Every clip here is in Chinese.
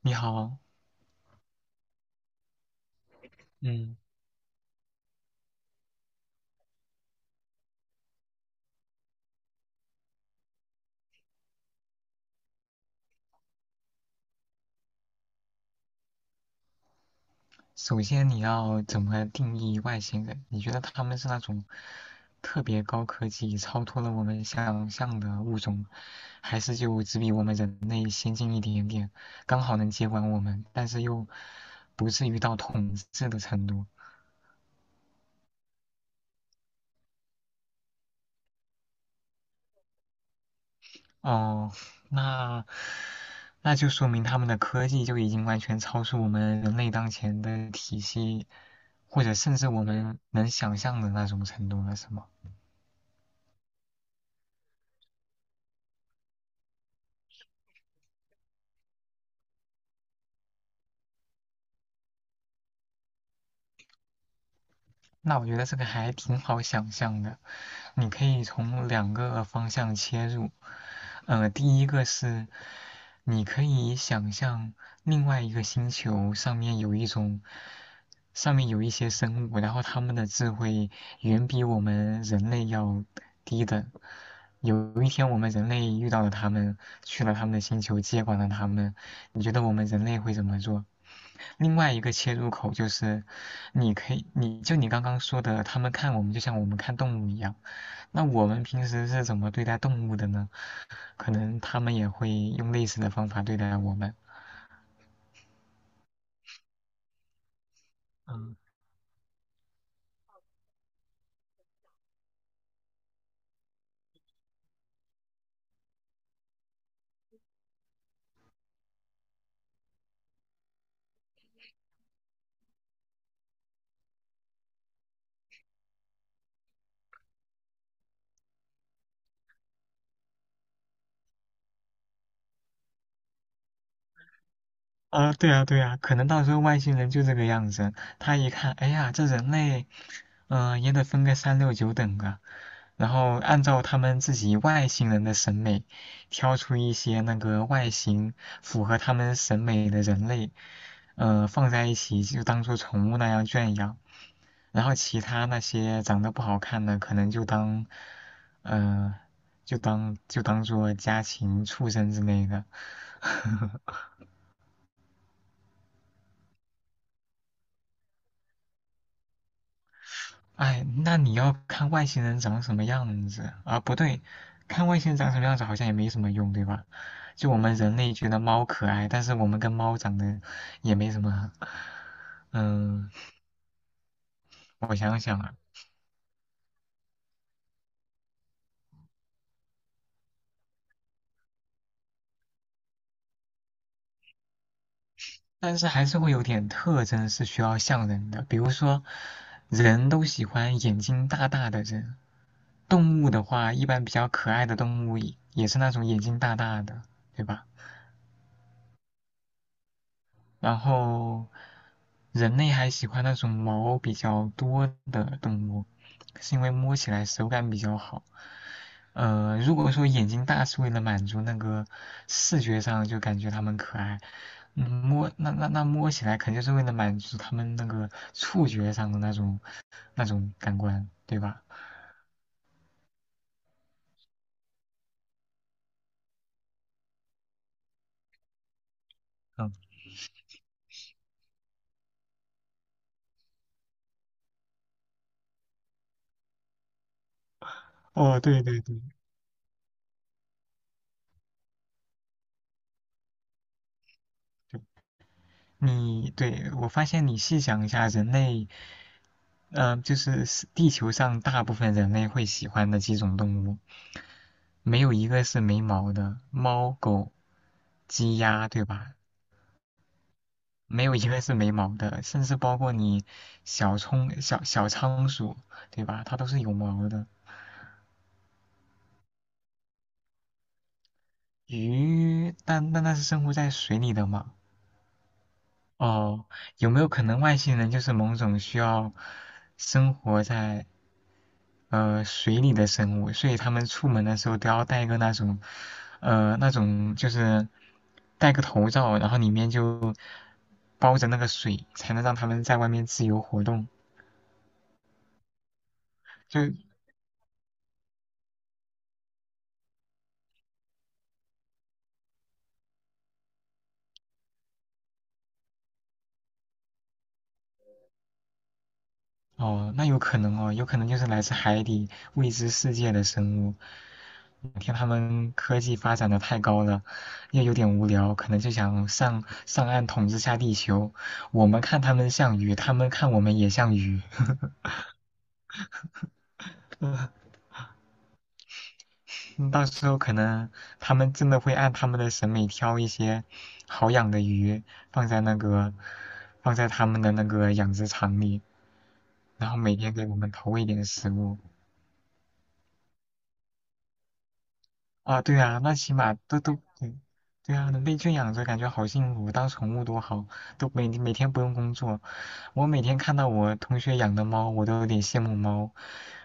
你好，嗯，首先你要怎么定义外星人？你觉得他们是那种特别高科技、超脱了我们想象的物种，还是就只比我们人类先进一点点，刚好能接管我们，但是又不至于到统治的程度？哦，那那就说明他们的科技就已经完全超出我们人类当前的体系，或者甚至我们能想象的那种程度了，是吗？那我觉得这个还挺好想象的，你可以从两个方向切入。第一个是你可以想象另外一个星球上面有一种，上面有一些生物，然后他们的智慧远比我们人类要低等。有一天我们人类遇到了他们，去了他们的星球，接管了他们，你觉得我们人类会怎么做？另外一个切入口就是，你可以，你就你刚刚说的，他们看我们就像我们看动物一样。那我们平时是怎么对待动物的呢？可能他们也会用类似的方法对待我们。嗯。啊，对啊，对啊，可能到时候外星人就这个样子，他一看，哎呀，这人类，嗯、也得分个三六九等啊，然后按照他们自己外星人的审美，挑出一些那个外形符合他们审美的人类，放在一起就当做宠物那样圈养，然后其他那些长得不好看的，可能就当，呃，就当做家禽、畜生之类的。哎，那你要看外星人长什么样子啊？不对，看外星人长什么样子好像也没什么用，对吧？就我们人类觉得猫可爱，但是我们跟猫长得也没什么。嗯，我想想啊，但是还是会有点特征是需要像人的，比如说，人都喜欢眼睛大大的人，动物的话，一般比较可爱的动物也是那种眼睛大大的，对吧？然后人类还喜欢那种毛比较多的动物，是因为摸起来手感比较好。如果说眼睛大是为了满足那个视觉上就感觉它们可爱，嗯，摸那摸起来肯定是为了满足它们那个触觉上的那种感官，对吧？嗯，哦，对对对，你对我发现你细想一下，人类，嗯、就是地球上大部分人类会喜欢的几种动物，没有一个是没毛的，猫、狗、鸡、鸭，对吧？没有一个是没毛的，甚至包括你小葱、小仓鼠，对吧？它都是有毛的。鱼，但那是生活在水里的嘛？哦，有没有可能外星人就是某种需要生活在水里的生物，所以他们出门的时候都要戴个那种呃那种就是戴个头罩，然后里面就包着那个水，才能让他们在外面自由活动。就哦，那有可能哦，有可能就是来自海底未知世界的生物。哪天他们科技发展的太高了，又有点无聊，可能就想上上岸统治下地球。我们看他们像鱼，他们看我们也像鱼。呵。到时候可能他们真的会按他们的审美挑一些好养的鱼，放在那个放在他们的那个养殖场里。然后每天给我们投喂点食物。啊，对啊，那起码都对，对啊，能被圈养着，感觉好幸福，当宠物多好，都每天不用工作。我每天看到我同学养的猫，我都有点羡慕猫，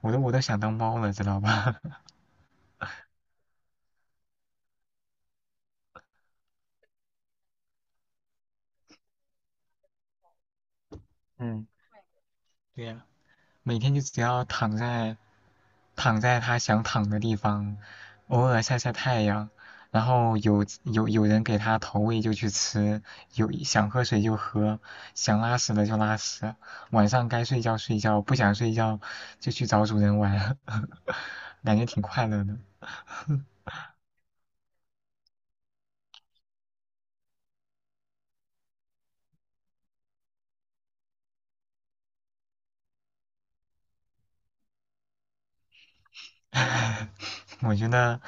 我都想当猫了，知道吧？嗯，对呀、每天就只要躺在它想躺的地方，偶尔晒晒太阳，然后有人给它投喂就去吃，有想喝水就喝，想拉屎了就拉屎，晚上该睡觉睡觉，不想睡觉就去找主人玩，感觉挺快乐的。我觉得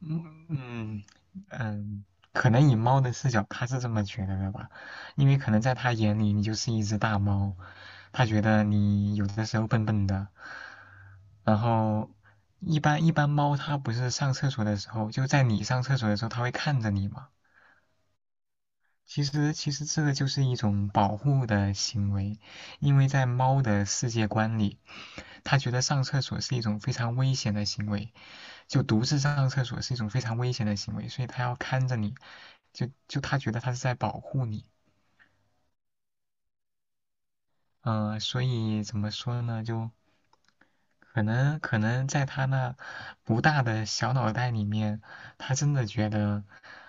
嗯嗯嗯，可能以猫的视角，它是这么觉得的吧，因为可能在它眼里你就是一只大猫，它觉得你有的时候笨笨的，然后一般猫它不是上厕所的时候，就在你上厕所的时候，它会看着你嘛。其实这个就是一种保护的行为，因为在猫的世界观里，它觉得上厕所是一种非常危险的行为，就独自上厕所是一种非常危险的行为，所以他要看着你，就他觉得他是在保护你，所以怎么说呢？就可能在他那不大的小脑袋里面，他真的觉得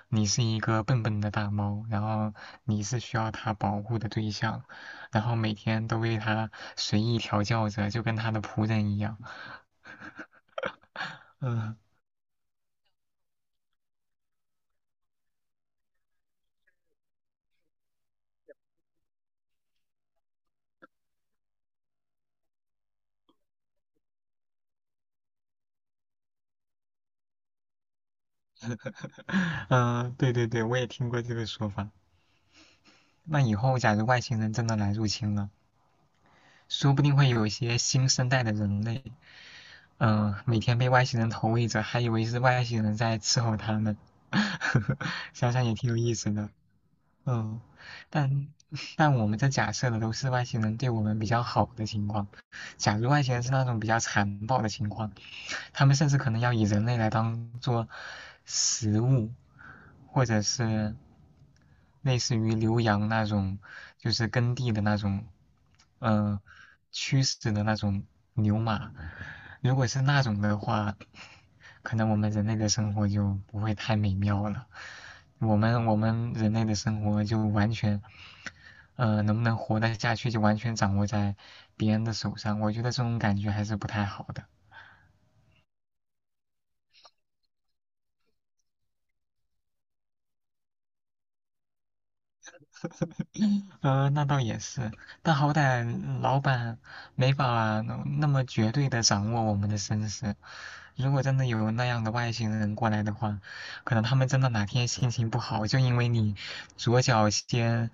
你是一个笨笨的大猫，然后你是需要他保护的对象，然后每天都为他随意调教着，就跟他的仆人一样。嗯、对对对，我也听过这个说法。那以后，假如外星人真的来入侵了，说不定会有一些新生代的人类，每天被外星人投喂着，还以为是外星人在伺候他们，想想也挺有意思的。嗯，但但我们这假设的都是外星人对我们比较好的情况，假如外星人是那种比较残暴的情况，他们甚至可能要以人类来当做食物，或者是类似于浏阳那种，就是耕地的那种，呃，驱使的那种牛马。如果是那种的话，可能我们人类的生活就不会太美妙了。我们人类的生活就完全，能不能活得下去就完全掌握在别人的手上。我觉得这种感觉还是不太好的。那倒也是，但好歹老板没法那么绝对的掌握我们的身世。如果真的有那样的外星人过来的话，可能他们真的哪天心情不好，就因为你左脚先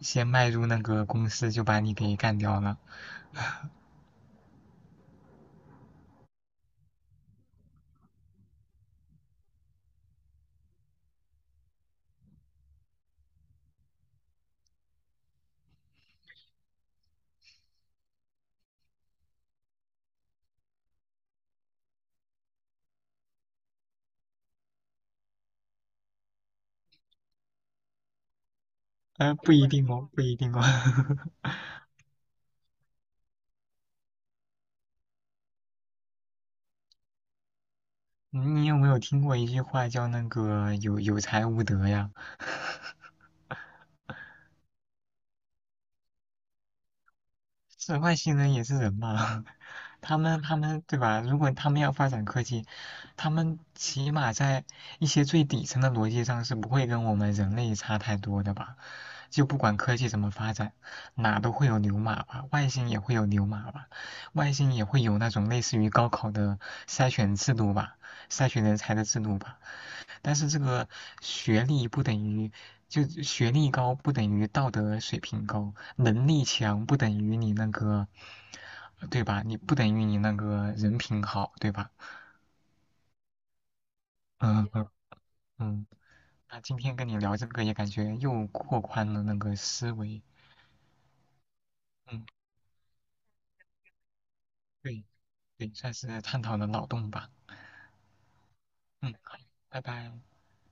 先迈入那个公司，就把你给干掉了。不一定哦，不一定哦。你有没有听过一句话叫那个有才无德呀？是外星人也是人嘛，他们对吧？如果他们要发展科技，他们起码在一些最底层的逻辑上是不会跟我们人类差太多的吧？就不管科技怎么发展，哪都会有牛马吧，外星也会有牛马吧，外星也会有那种类似于高考的筛选制度吧，筛选人才的制度吧。但是这个学历不等于，就学历高不等于道德水平高，能力强不等于你那个，对吧？你不等于你那个人品好，对吧？嗯嗯嗯。那今天跟你聊这个也感觉又拓宽了那个思维，嗯，对对，算是探讨了脑洞吧，嗯，好，拜拜。